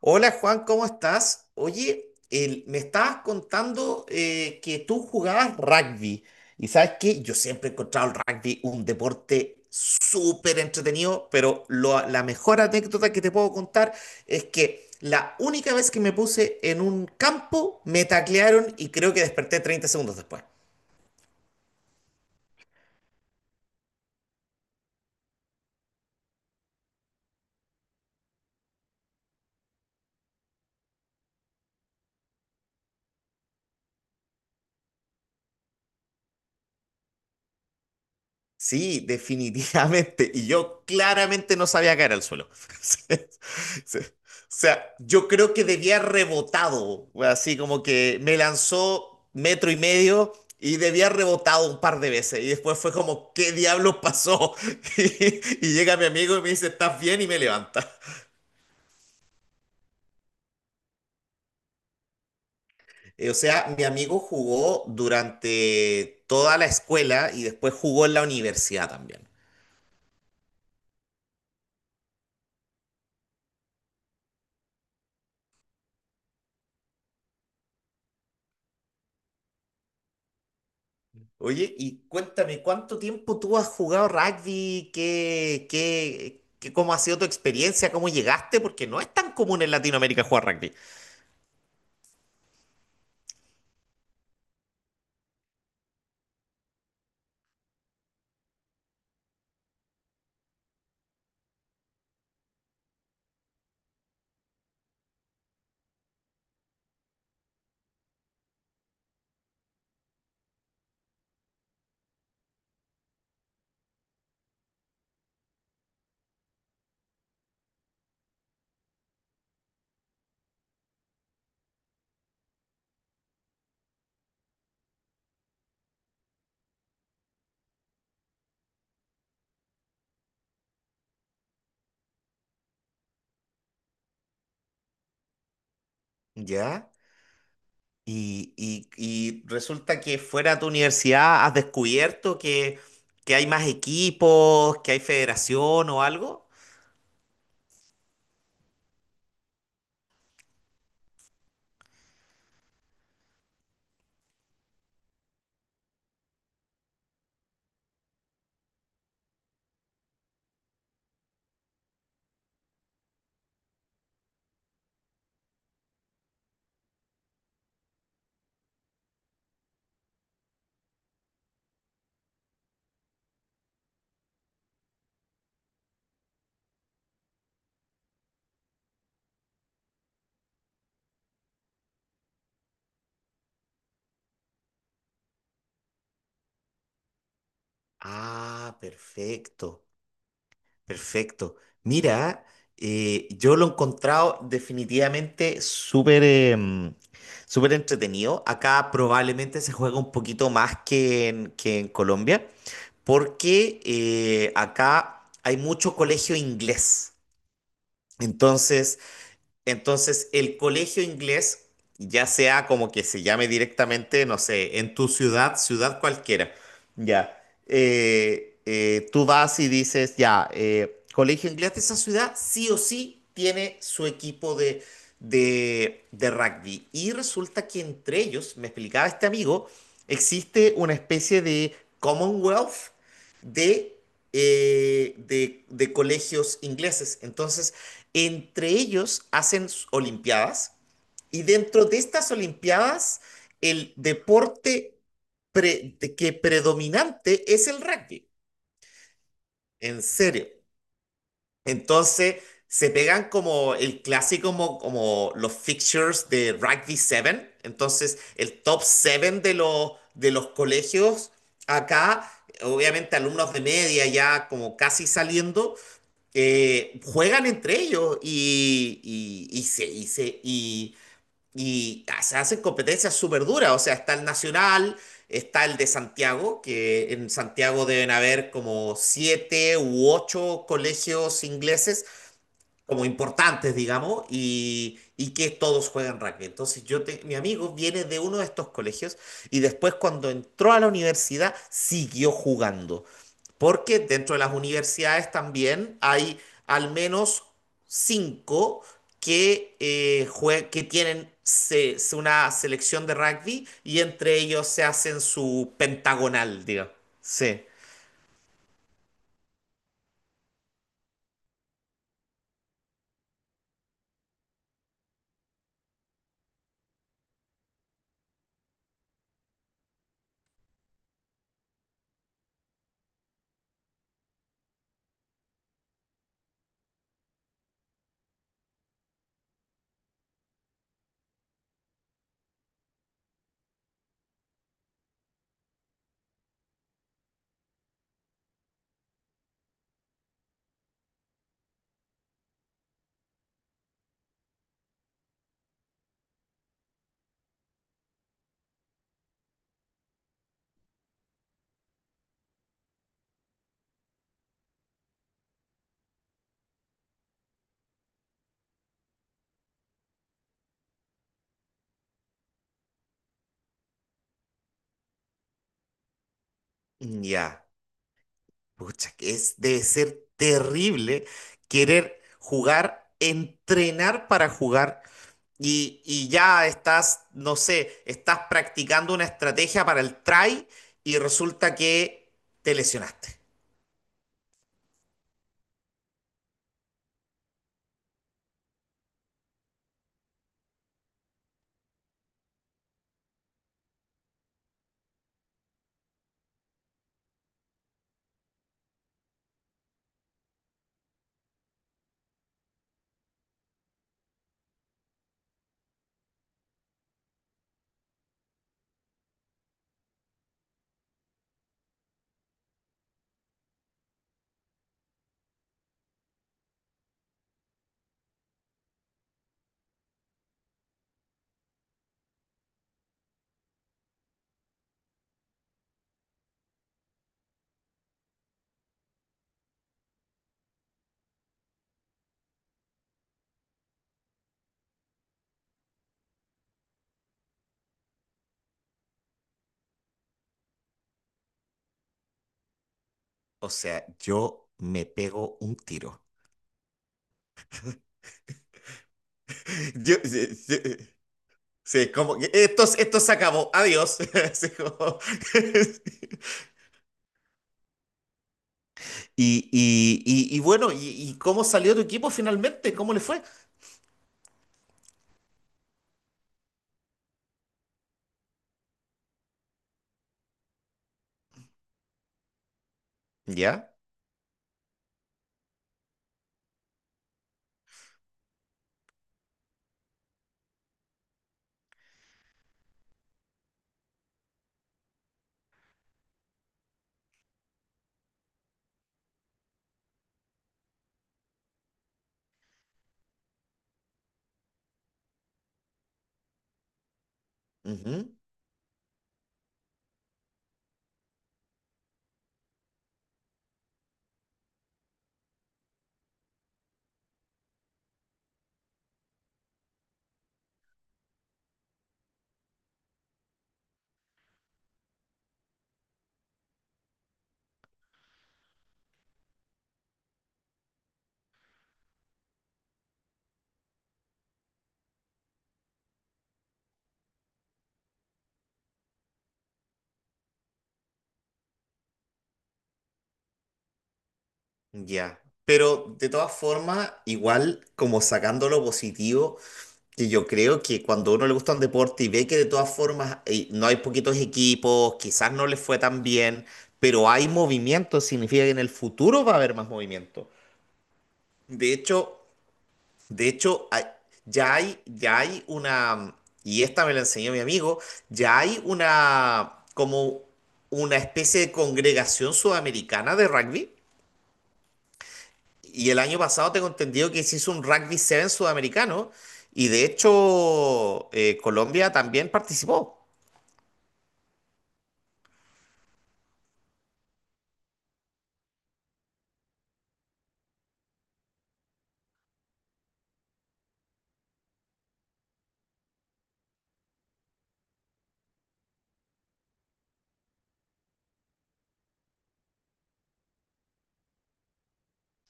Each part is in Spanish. Hola Juan, ¿cómo estás? Oye, me estabas contando que tú jugabas rugby y sabes que yo siempre he encontrado el rugby un deporte súper entretenido, pero la mejor anécdota que te puedo contar es que la única vez que me puse en un campo me taclearon y creo que desperté 30 segundos después. Sí, definitivamente. Y yo claramente no sabía caer al suelo. Sí, sí. O sea, yo creo que debía haber rebotado, así como que me lanzó metro y medio y debía haber rebotado un par de veces. Y después fue como, ¿qué diablos pasó? Y llega mi amigo y me dice, ¿estás bien? Y me levanta. O sea, mi amigo jugó durante toda la escuela y después jugó en la universidad también. Oye, y cuéntame, ¿cuánto tiempo tú has jugado rugby? ¿ cómo ha sido tu experiencia? ¿Cómo llegaste? Porque no es tan común en Latinoamérica jugar rugby. ¿Ya? Y resulta que fuera de tu universidad has descubierto que hay más equipos, que hay federación o algo. Ah, perfecto. Perfecto. Mira, yo lo he encontrado definitivamente súper entretenido. Acá probablemente se juega un poquito más que en Colombia, porque acá hay mucho colegio inglés. Entonces, entonces, el colegio inglés, ya sea como que se llame directamente, no sé, en tu ciudad cualquiera, ya, tú vas y dices, ya, colegio inglés de esa ciudad sí o sí tiene su equipo de rugby. Y resulta que entre ellos, me explicaba este amigo, existe una especie de Commonwealth de, de colegios ingleses. Entonces, entre ellos hacen olimpiadas y dentro de estas olimpiadas el deporte pre- que predominante es el rugby, en serio. Entonces se pegan como el clásico, como los fixtures de Rugby 7, entonces el top 7 de los colegios acá, obviamente alumnos de media ya como casi saliendo juegan entre ellos y se, y, se- y se hacen competencias súper duras. O sea, está el Nacional, está el de Santiago, que en Santiago deben haber como siete u ocho colegios ingleses como importantes, digamos, y que todos juegan rugby. Entonces, mi amigo viene de uno de estos colegios y después cuando entró a la universidad siguió jugando, porque dentro de las universidades también hay al menos cinco que, tienen una selección de rugby y entre ellos se hacen su pentagonal, digamos. Sí, ya. Pucha, que es, debe ser terrible querer jugar, entrenar para jugar y ya estás, no sé, estás practicando una estrategia para el try y resulta que te lesionaste. O sea, yo me pego un tiro. Sí, sí, sí, como que esto se acabó, adiós. Así como- Y bueno, y cómo salió tu equipo finalmente? ¿Cómo le fue? ¿Ya? Ya, pero de todas formas, igual como sacando lo positivo, que yo creo que cuando a uno le gusta un deporte y ve que de todas formas no hay poquitos equipos, quizás no les fue tan bien, pero hay movimiento, significa que en el futuro va a haber más movimiento. De hecho, de hecho, hay- ya hay, y esta me la enseñó mi amigo, ya hay una, como una especie de congregación sudamericana de rugby. Y el año pasado tengo entendido que se hizo un Rugby 7 sudamericano y de hecho Colombia también participó.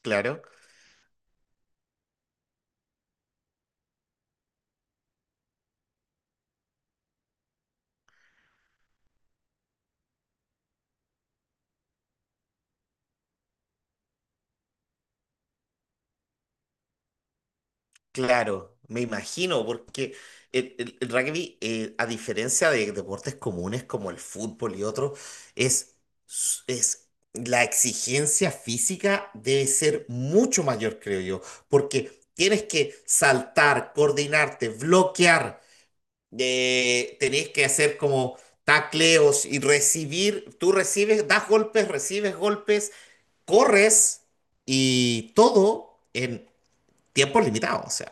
Claro, claro, me imagino, porque el rugby, a diferencia de deportes comunes como el fútbol y otros, es, es la exigencia física debe ser mucho mayor, creo yo, porque tienes que saltar, coordinarte, bloquear. Tenés que hacer como tacleos y recibir, tú recibes, das golpes, recibes golpes, corres y todo en tiempo limitado. O sea,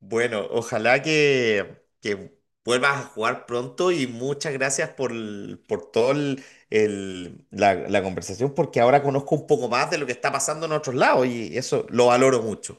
bueno, ojalá que vuelvas a jugar pronto y muchas gracias por todo la conversación porque ahora conozco un poco más de lo que está pasando en otros lados y eso lo valoro mucho.